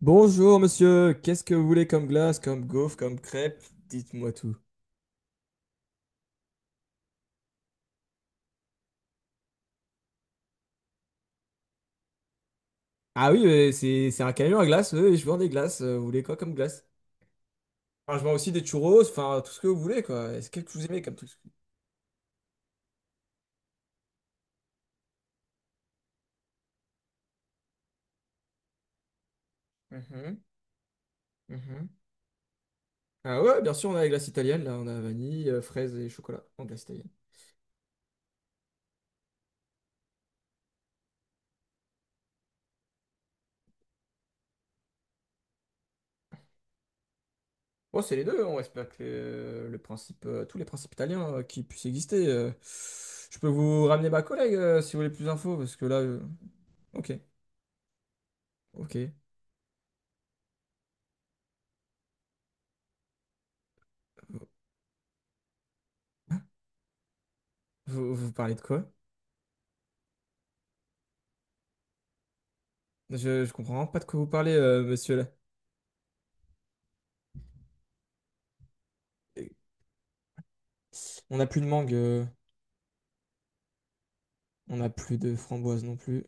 Bonjour monsieur, qu'est-ce que vous voulez comme glace, comme gaufre, comme crêpe? Dites-moi tout. Ah oui, c'est un camion à glace, oui, je vends des glaces. Vous voulez quoi comme glace? Enfin, je vends aussi des churros, enfin tout ce que vous voulez quoi. Est-ce que vous aimez comme tout ce que. Mhm, mhm. Ah ouais, bien sûr, on a les glaces italiennes, là, on a vanille, fraise et chocolat en glace italienne. Bon, c'est les deux, on respecte le principe, tous les principes italiens qui puissent exister. Je peux vous ramener ma collègue si vous voulez plus d'infos, parce que là. Ok, ok. Vous parlez de quoi? Je comprends vraiment pas de quoi vous parlez, monsieur là. Euh, On n'a plus de mangue, on n'a plus de framboise non plus.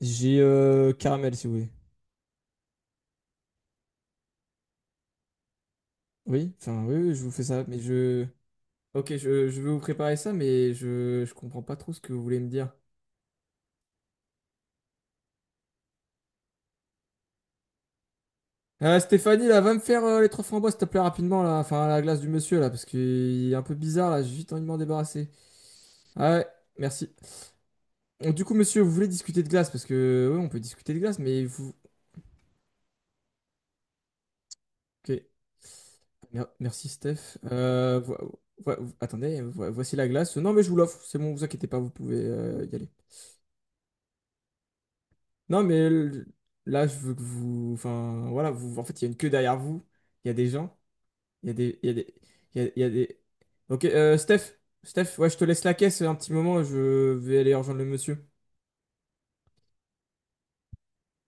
J'ai caramel si vous voulez. Oui, enfin oui, oui, je vous fais ça, mais je. Ok, je vais vous préparer ça, mais je comprends pas trop ce que vous voulez me dire. Stéphanie, là, va me faire les trois framboises, s'il te plaît, rapidement, là. Enfin, la glace du monsieur, là, parce qu'il est un peu bizarre, là. J'ai vite envie de m'en débarrasser. Ah ouais, merci. Donc, du coup, monsieur, vous voulez discuter de glace, parce que, oui, on peut discuter de glace, mais vous. Ok. Merci Steph. Attendez, voici la glace. Non mais je vous l'offre, c'est bon, vous inquiétez pas, vous pouvez y aller. Non mais là je veux que vous, enfin voilà, vous, en fait il y a une queue derrière vous, il y a des gens, il y a des, il y a des, il y a des. Ok, Steph, ouais je te laisse la caisse un petit moment, je vais aller rejoindre le monsieur.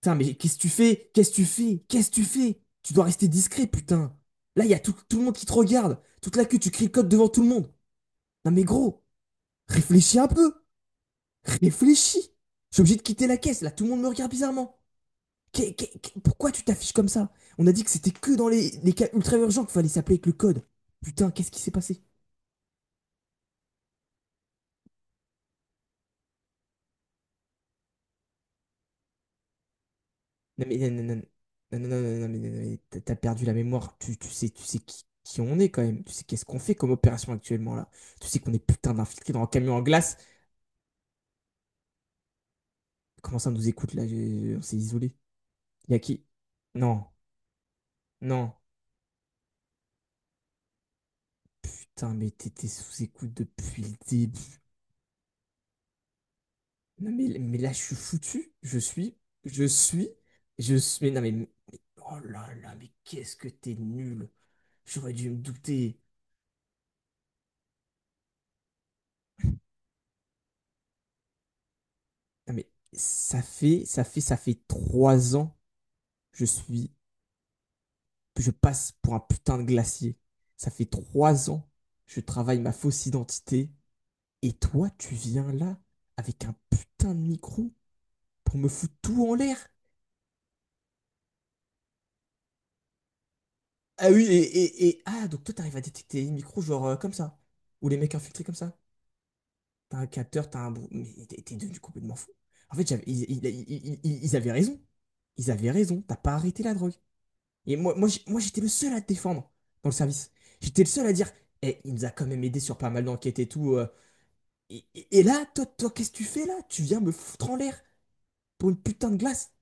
Putain mais qu'est-ce que tu fais? Qu'est-ce que tu fais? Qu'est-ce que tu fais? Tu dois rester discret putain. Là il y a tout le monde qui te regarde, toute la queue, tu cricotes devant tout le monde. Non mais gros, réfléchis un peu. Réfléchis. Je suis obligé de quitter la caisse. Là, tout le monde me regarde bizarrement. Pourquoi tu t'affiches comme ça? On a dit que c'était que dans les cas ultra urgents qu'il fallait s'appeler avec le code. Putain, qu'est-ce qui s'est passé? Non mais non, non, non, non, non, non, non, non, mais, non, mais t'as perdu la mémoire. Tu sais, tu sais qui on est quand même. Tu sais qu'est-ce qu'on fait comme opération actuellement là. Tu sais qu'on est putain d'infiltrés dans un camion en glace. Comment ça on nous écoute là? On s'est isolé. Y a qui? Non, non. Putain, mais t'étais sous écoute depuis le début. Non mais là je suis foutu, je suis, je suis, je suis. Mais non mais, oh là là, mais qu'est-ce que t'es nul. J'aurais dû me douter. Non mais ça fait 3 ans. que Je suis, que je passe pour un putain de glacier. Ça fait trois ans que je travaille ma fausse identité. Et toi, tu viens là avec un putain de micro pour me foutre tout en l'air. Ah oui et donc toi t'arrives à détecter les micros genre comme ça ou les mecs infiltrés comme ça. T'as un capteur, Mais t'es devenu complètement fou. En fait, ils avaient raison. Ils avaient raison. T'as pas arrêté la drogue. Et moi j'étais le seul à te défendre dans le service. J'étais le seul à dire, eh, il nous a quand même aidé sur pas mal d'enquêtes et tout. Et là, toi, toi, qu'est-ce que tu fais là? Tu viens me foutre en l'air pour une putain de glace.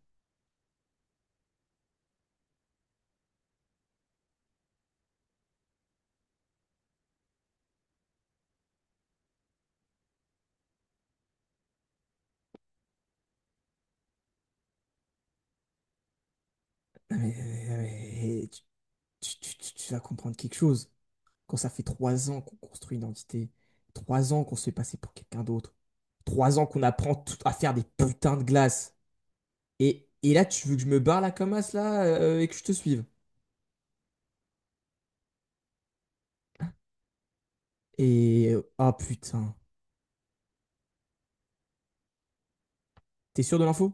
Non, mais, non, mais, eh, tu vas comprendre quelque chose. Quand ça fait 3 ans qu'on construit une identité, 3 ans qu'on se fait passer pour quelqu'un d'autre, 3 ans qu'on apprend à faire des putains de glaces. Et là, tu veux que je me barre la comme as, là, et que je te suive. Ah, putain. T'es sûr de l'info?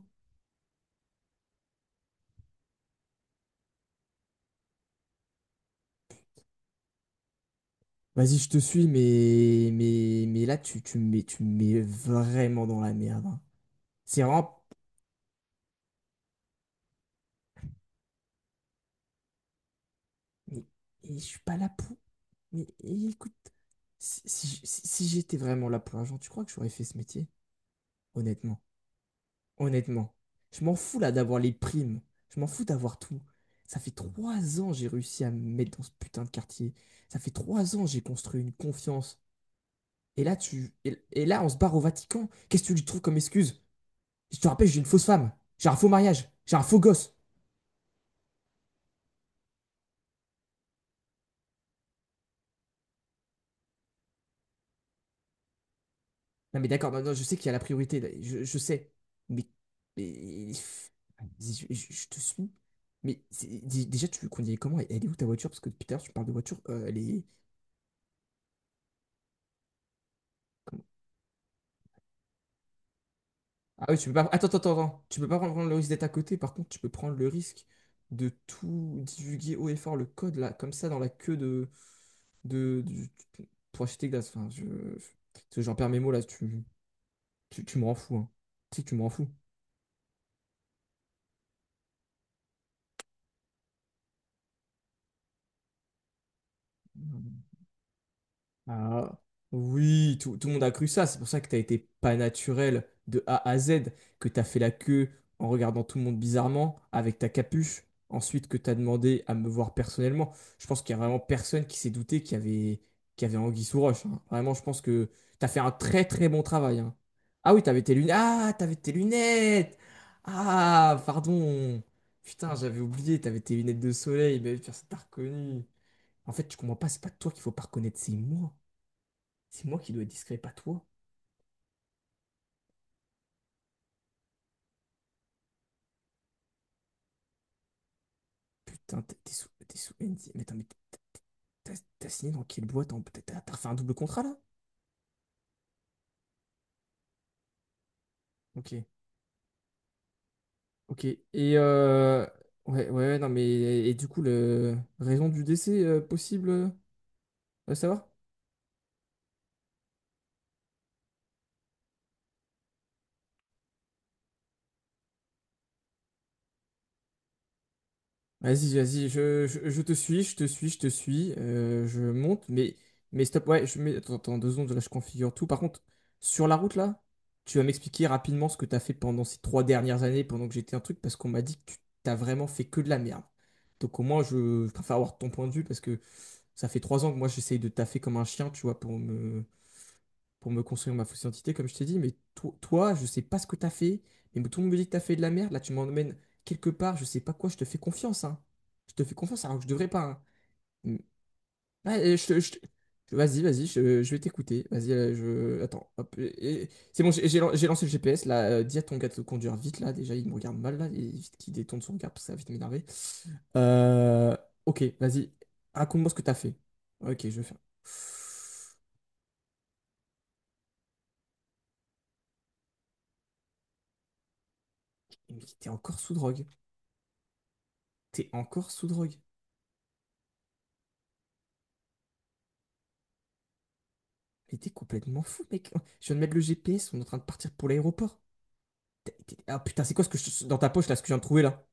Vas-y, je te suis, mais. Là, tu, tu me mets vraiment dans la merde, hein. C'est vraiment. Mais, mais je suis pas là pour. Mais et écoute, si j'étais vraiment là pour l'argent, tu crois que j'aurais fait ce métier? Honnêtement. Honnêtement. Je m'en fous, là, d'avoir les primes. Je m'en fous d'avoir tout. Ça fait trois ans j'ai réussi à me mettre dans ce putain de quartier. Ça fait 3 ans j'ai construit une confiance. Et là, on se barre au Vatican. Qu'est-ce que tu lui trouves comme excuse? Je te rappelle, j'ai une fausse femme. J'ai un faux mariage. J'ai un faux gosse. Non, mais d'accord, non, non, je sais qu'il y a la priorité. Je sais. Mais, mais- je te suis. Mais déjà, tu veux qu'on y aille comment? Elle est où ta voiture? Parce que depuis tout à l'heure, tu parles de voiture. Elle est. comment- Ah oui, tu peux pas. Attends, attends, attends, attends. Tu peux pas prendre le risque d'être à côté. Par contre, tu peux prendre le risque de tout divulguer haut et fort le code, là, comme ça, dans la queue de, du- pour acheter glace. Enfin, parce que j'en perds mes mots là, tu me rends fou, hein. Tu sais que tu me rends fou. Ah, oui, tout le monde a cru ça. C'est pour ça que t'as été pas naturel de A à Z, que t'as fait la queue en regardant tout le monde bizarrement avec ta capuche. Ensuite, que t'as demandé à me voir personnellement. Je pense qu'il y a vraiment personne qui s'est douté qu'il y avait anguille sous roche, hein. Vraiment, je pense que t'as fait un très très bon travail, hein. Ah oui, t'avais tes lunettes. Ah, t'avais tes lunettes. Ah, pardon. Putain, j'avais oublié, t'avais tes lunettes de soleil. Mais personne t'a reconnu. En fait, tu comprends pas, c'est pas toi qu'il faut pas reconnaître, c'est moi. C'est moi qui dois être discret, pas toi. Putain, t'es sous NDA. Mais attends, mais t'as t'as signé dans quelle boîte? T'as refait un double contrat là? Ok, ok. Et euh... ouais, ouais, ouais, non, mais et, du coup, le raison du décès possible à savoir? Vas-y, vas-y, je te suis, je te suis, je te suis, je monte, mais stop, ouais, je mets, attends, attends, 2 secondes, là, je configure tout. Par contre, sur la route, là, tu vas m'expliquer rapidement ce que t'as fait pendant ces 3 dernières années, pendant que j'étais un truc, parce qu'on m'a dit que tu t'as vraiment fait que de la merde. Donc au moins, je préfère avoir ton point de vue, parce que ça fait 3 ans que moi, j'essaye de taffer comme un chien, tu vois, pour me construire ma fausse identité, comme je t'ai dit, mais toi, je sais pas ce que t'as fait, mais tout le monde me dit que t'as fait de la merde, là tu m'emmènes quelque part, je sais pas quoi, je te fais confiance, hein. Je te fais confiance alors que je devrais pas, hein. Mm. Ah, Vas-y, vas-y, je vais t'écouter. Vas-y, je. Attends, hop. C'est bon, j'ai lancé le GPS, là. Dis à ton gars de conduire vite, là. Déjà, il me regarde mal, là. Et vite qu'il détourne son regard, parce que ça va vite m'énerver. Euh, Ok, vas-y. Raconte-moi ce que t'as fait. Ok, je vais faire. Mais t'es encore sous drogue. T'es encore sous drogue. Mais t'es complètement fou, mec. Je viens de mettre le GPS, on est en train de partir pour l'aéroport. Et Ah putain, c'est quoi ce que je, dans ta poche là, ce que je viens de trouver là?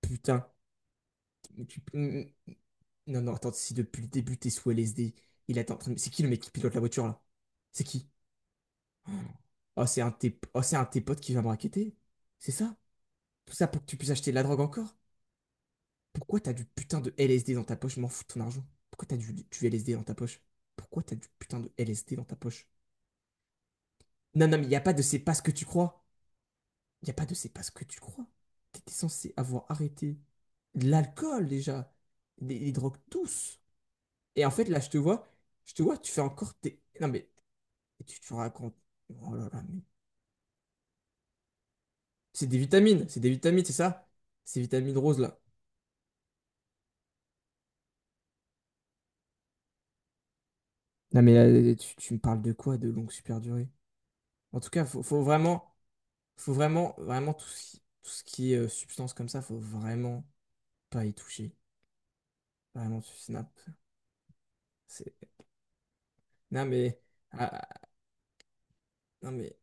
Putain. Mais Non, non, attends, si depuis le début t'es sous LSD, il est en train de- C'est qui le mec qui pilote la voiture là? C'est qui? Oh, c'est un de tes... oh, c'est un de tes potes qui va me raqueter. C'est ça? Tout ça pour que tu puisses acheter de la drogue encore? Pourquoi t'as du putain de LSD dans ta poche? Je m'en fous de ton argent. Pourquoi t'as du LSD dans ta poche? Pourquoi t'as du putain de LSD dans ta poche? Non, non, mais il n'y a pas de c'est pas ce que tu crois. Il n'y a pas de c'est pas ce que tu crois. Tu étais censé avoir arrêté l'alcool déjà, les drogues tous. Et en fait, là, je te vois, tu fais encore tes. Non mais, tu te racontes. Oh là là, mais. C'est des vitamines, c'est des vitamines, c'est ça? Ces vitamines roses là. Non mais là, tu me parles de quoi? De longue super durée. En tout cas, faut vraiment tout ce qui, est substance comme ça, faut vraiment pas y toucher. Vraiment, tu snaps. C'est. Non mais. Ah, ah, non mais.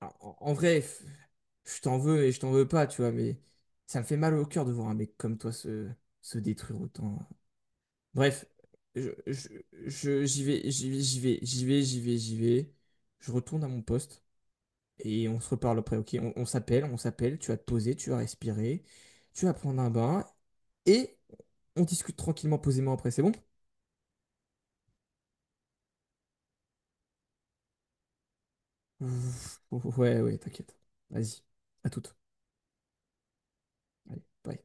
Alors, En vrai, je t'en veux et je t'en veux pas, tu vois, mais ça me fait mal au cœur de voir un mec comme toi se détruire autant. Bref, je, je, j'y vais, j'y vais, j'y vais, j'y vais, j'y vais, j'y vais. Je retourne à mon poste et on se reparle après, ok? On s'appelle, tu vas te poser, tu vas respirer, tu vas prendre un bain et on discute tranquillement, posément après, c'est bon? Ouf, ouais, ouais, t'inquiète. Vas-y, à toute. Allez, bye.